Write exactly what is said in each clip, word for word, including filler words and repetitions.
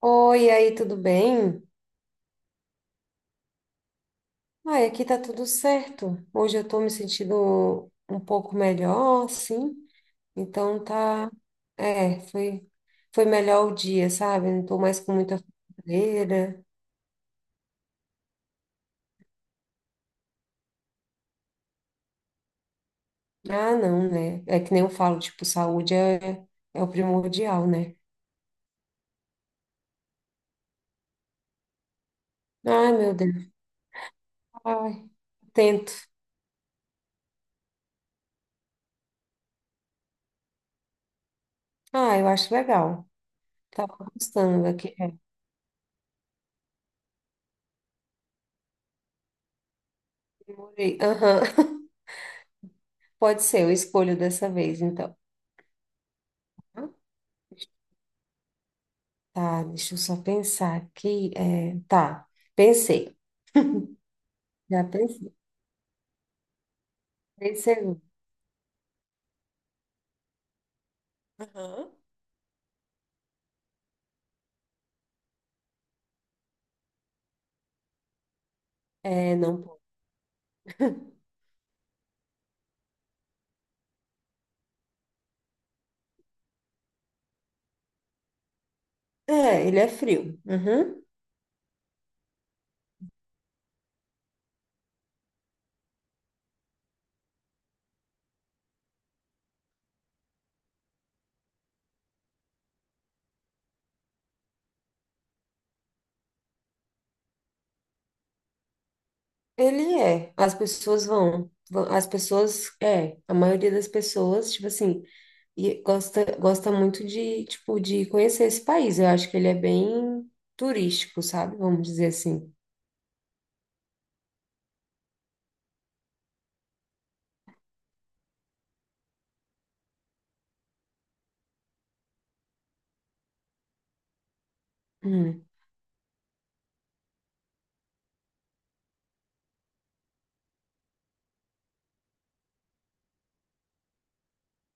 Oi, e aí, tudo bem? Ai, aqui tá tudo certo. Hoje eu tô me sentindo um pouco melhor, sim. Então tá, é, foi foi melhor o dia, sabe? Não tô mais com muita fome. Ah, não, né? É que nem eu falo, tipo, saúde é, é o primordial, né? Ai, meu Deus. Ai, tento. Ah, eu acho legal. Tava gostando aqui. É. Demorei. Aham. Pode ser, eu escolho dessa vez, então. Tá, deixa eu só pensar aqui. É, tá, pensei. Já pensei. Três segundos. Aham. É, não pode. É, ele é frio. Uhum. Ele é. As pessoas vão, vão- As pessoas, é. A maioria das pessoas, tipo assim, e gosta, gosta muito de, tipo, de conhecer esse país. Eu acho que ele é bem turístico, sabe? Vamos dizer assim. Hum.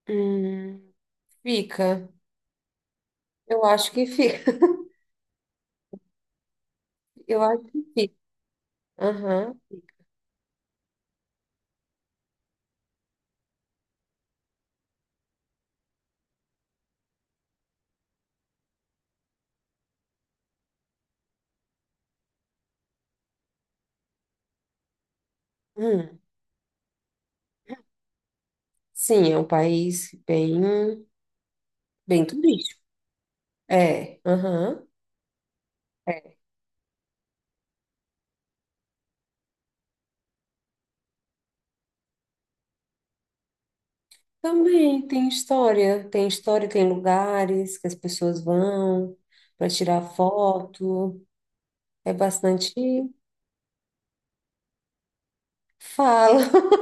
Hum, fica. Eu acho que fica. Eu acho que fica. Aham. Hum. Sim, é um país bem, bem turístico. É, aham. É. Também tem história, tem história, tem lugares que as pessoas vão para tirar foto. É bastante fala.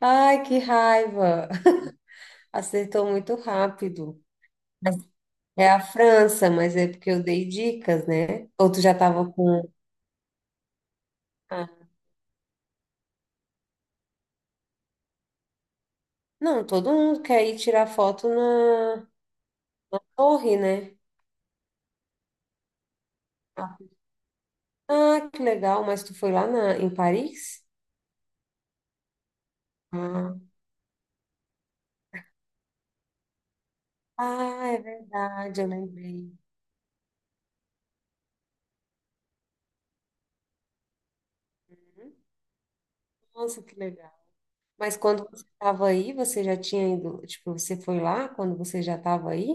Ai, que raiva! Acertou muito rápido. Mas é a França, mas é porque eu dei dicas, né? Ou tu já tava com. Ah, não, todo mundo quer ir tirar foto na torre, né? Ah, que legal, mas tu foi lá na, em Paris? Ah, ah, é verdade, eu lembrei. Nossa, que legal. Mas quando você estava aí, você já tinha ido, tipo, você foi lá quando você já estava aí?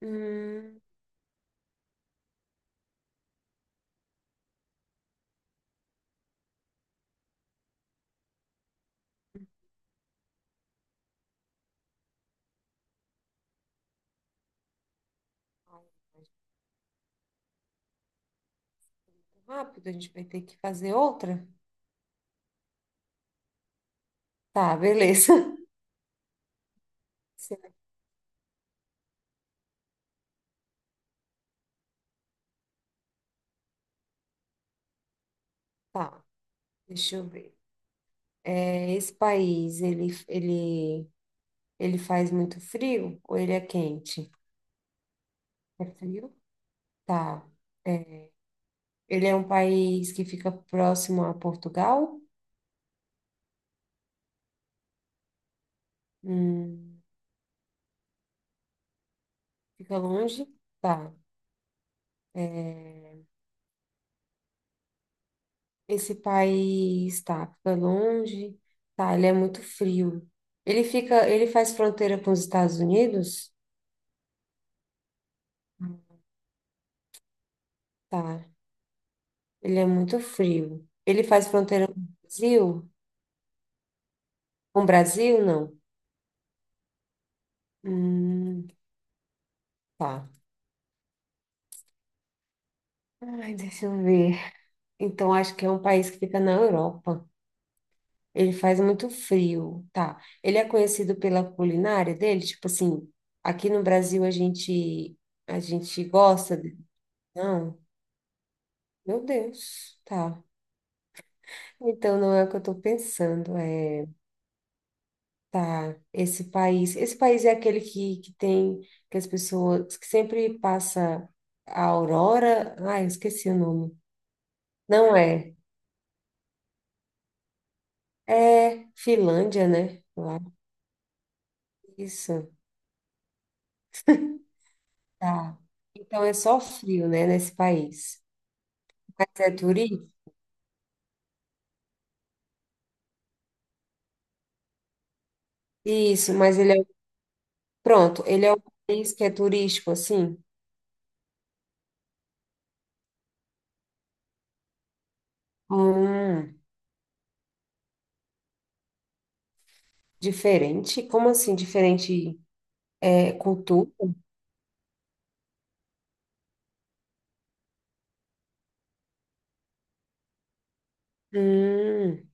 Hum, rápido, a gente vai ter que fazer outra? Tá, beleza. Certo, tá, deixa eu ver. É, esse país, ele, ele, ele faz muito frio ou ele é quente? É frio? Tá. É, ele é um país que fica próximo a Portugal? Hum, fica longe? Tá. Esse país tá fica longe, tá, ele é muito frio. Ele fica, ele faz fronteira com os Estados Unidos? Tá, ele é muito frio. Ele faz fronteira com o Brasil? Com o Brasil, não. Hum, tá. Ai, deixa eu ver. Então, acho que é um país que fica na Europa. Ele faz muito frio, tá? Ele é conhecido pela culinária dele, tipo assim, aqui no Brasil a gente a gente gosta de... Não, meu Deus, tá. Então, não é o que eu estou pensando, é, tá, esse país, esse país é aquele que, que tem, que as pessoas, que sempre passa a aurora, ai, eu esqueci o nome, não é, é Finlândia, né? Eu isso, tá, então é só frio, né, nesse país, mas é turístico? Isso, mas ele é, pronto, ele é um país que é turístico, assim, hum, diferente, como assim, diferente, é, cultura? Hum,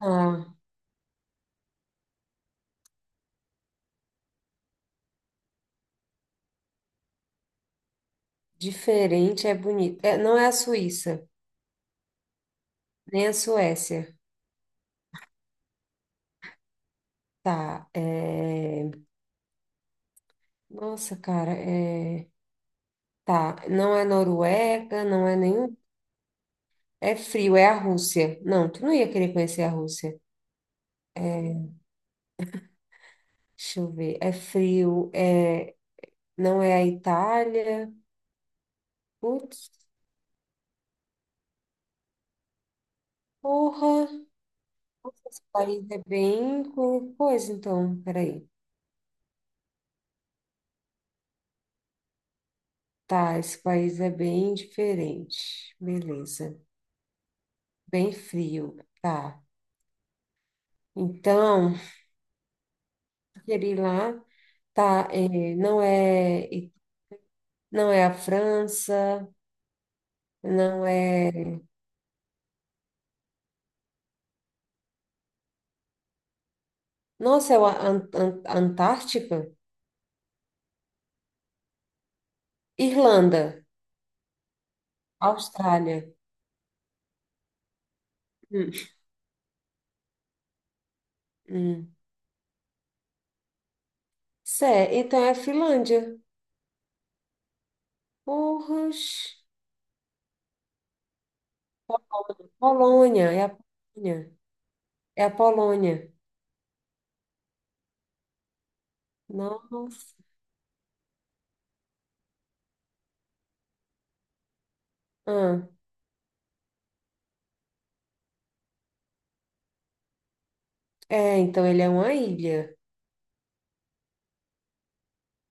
ah. Diferente é bonito. É, não é a Suíça, nem a Suécia. Tá. É, nossa, cara. É, tá. Não é Noruega, não é nenhum. É frio, é a Rússia. Não, tu não ia querer conhecer a Rússia. Deixa eu ver. É frio, é... não é a Itália. Putz, porra. Nossa, esse país é bem. co- Coisa, então, peraí. Tá, esse país é bem diferente. Beleza. Bem frio. Tá. Então. Algeri lá tá, eh, não é, não é a França, não é. Nossa, é a An- An- Antártica? Irlanda, Austrália. Hum, hum. Cé, então é a Finlândia. Porras. Polônia, é a Polônia. É a Polônia. Nossa. Ah, é, então ele é uma ilha.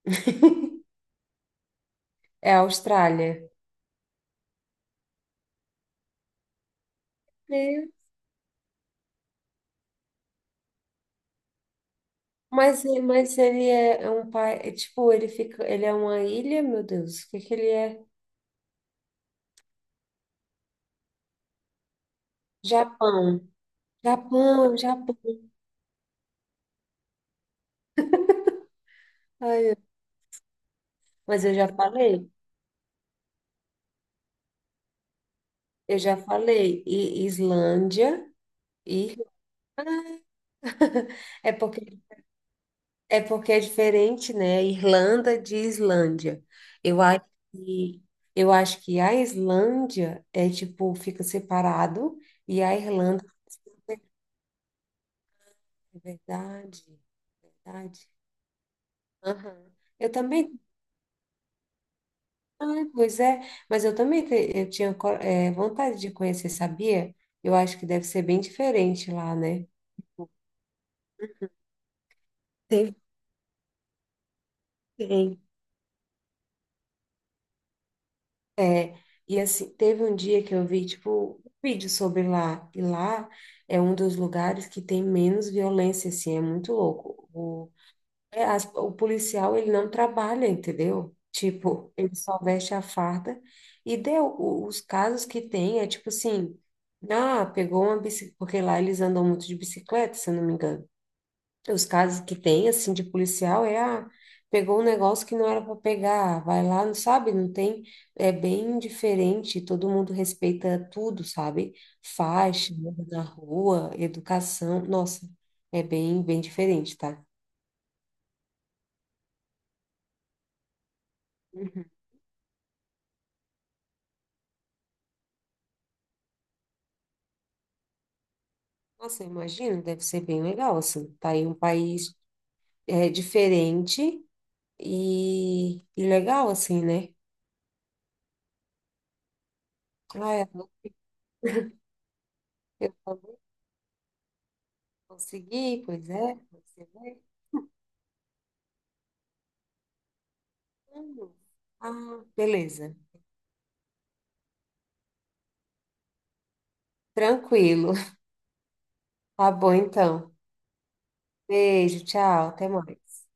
É a Austrália. Mas, mas ele é é um pai, é tipo, ele fica, ele é uma ilha, meu Deus, o que que ele é? Japão, Japão, Japão. Ai, eu- mas eu já falei, eu já falei, e Islândia e é porque é porque é diferente, né? Irlanda de Islândia. Eu acho que eu acho que a Islândia é tipo fica separado e a Irlanda é verdade. Verdade. Aham. Eu também ah, pois é, mas eu também te- eu tinha co- eh, vontade de conhecer, sabia? Eu acho que deve ser bem diferente lá, né? Tem, tem. E assim, teve um dia que eu vi, tipo, um vídeo sobre lá, e lá é um dos lugares que tem menos violência, assim, é muito louco. É, as- o policial, ele não trabalha, entendeu? Tipo, ele só veste a farda e deu o- os casos que tem, é tipo assim, ah, pegou uma bicicleta, porque lá eles andam muito de bicicleta, se eu não me engano. Os casos que tem, assim, de policial é, ah, pegou um negócio que não era para pegar, vai lá, não sabe, não tem, é bem diferente, todo mundo respeita tudo, sabe? Faixa, anda na rua, educação, nossa, é bem, bem diferente, tá? Nossa, eu imagino, deve ser bem legal, assim. Tá aí um país é, diferente e, e legal, assim, né? Ah, eu, eu vou conseguir, pois é, você vai. Hum. Ah, beleza. Tranquilo. Tá bom, então. Beijo, tchau, até mais.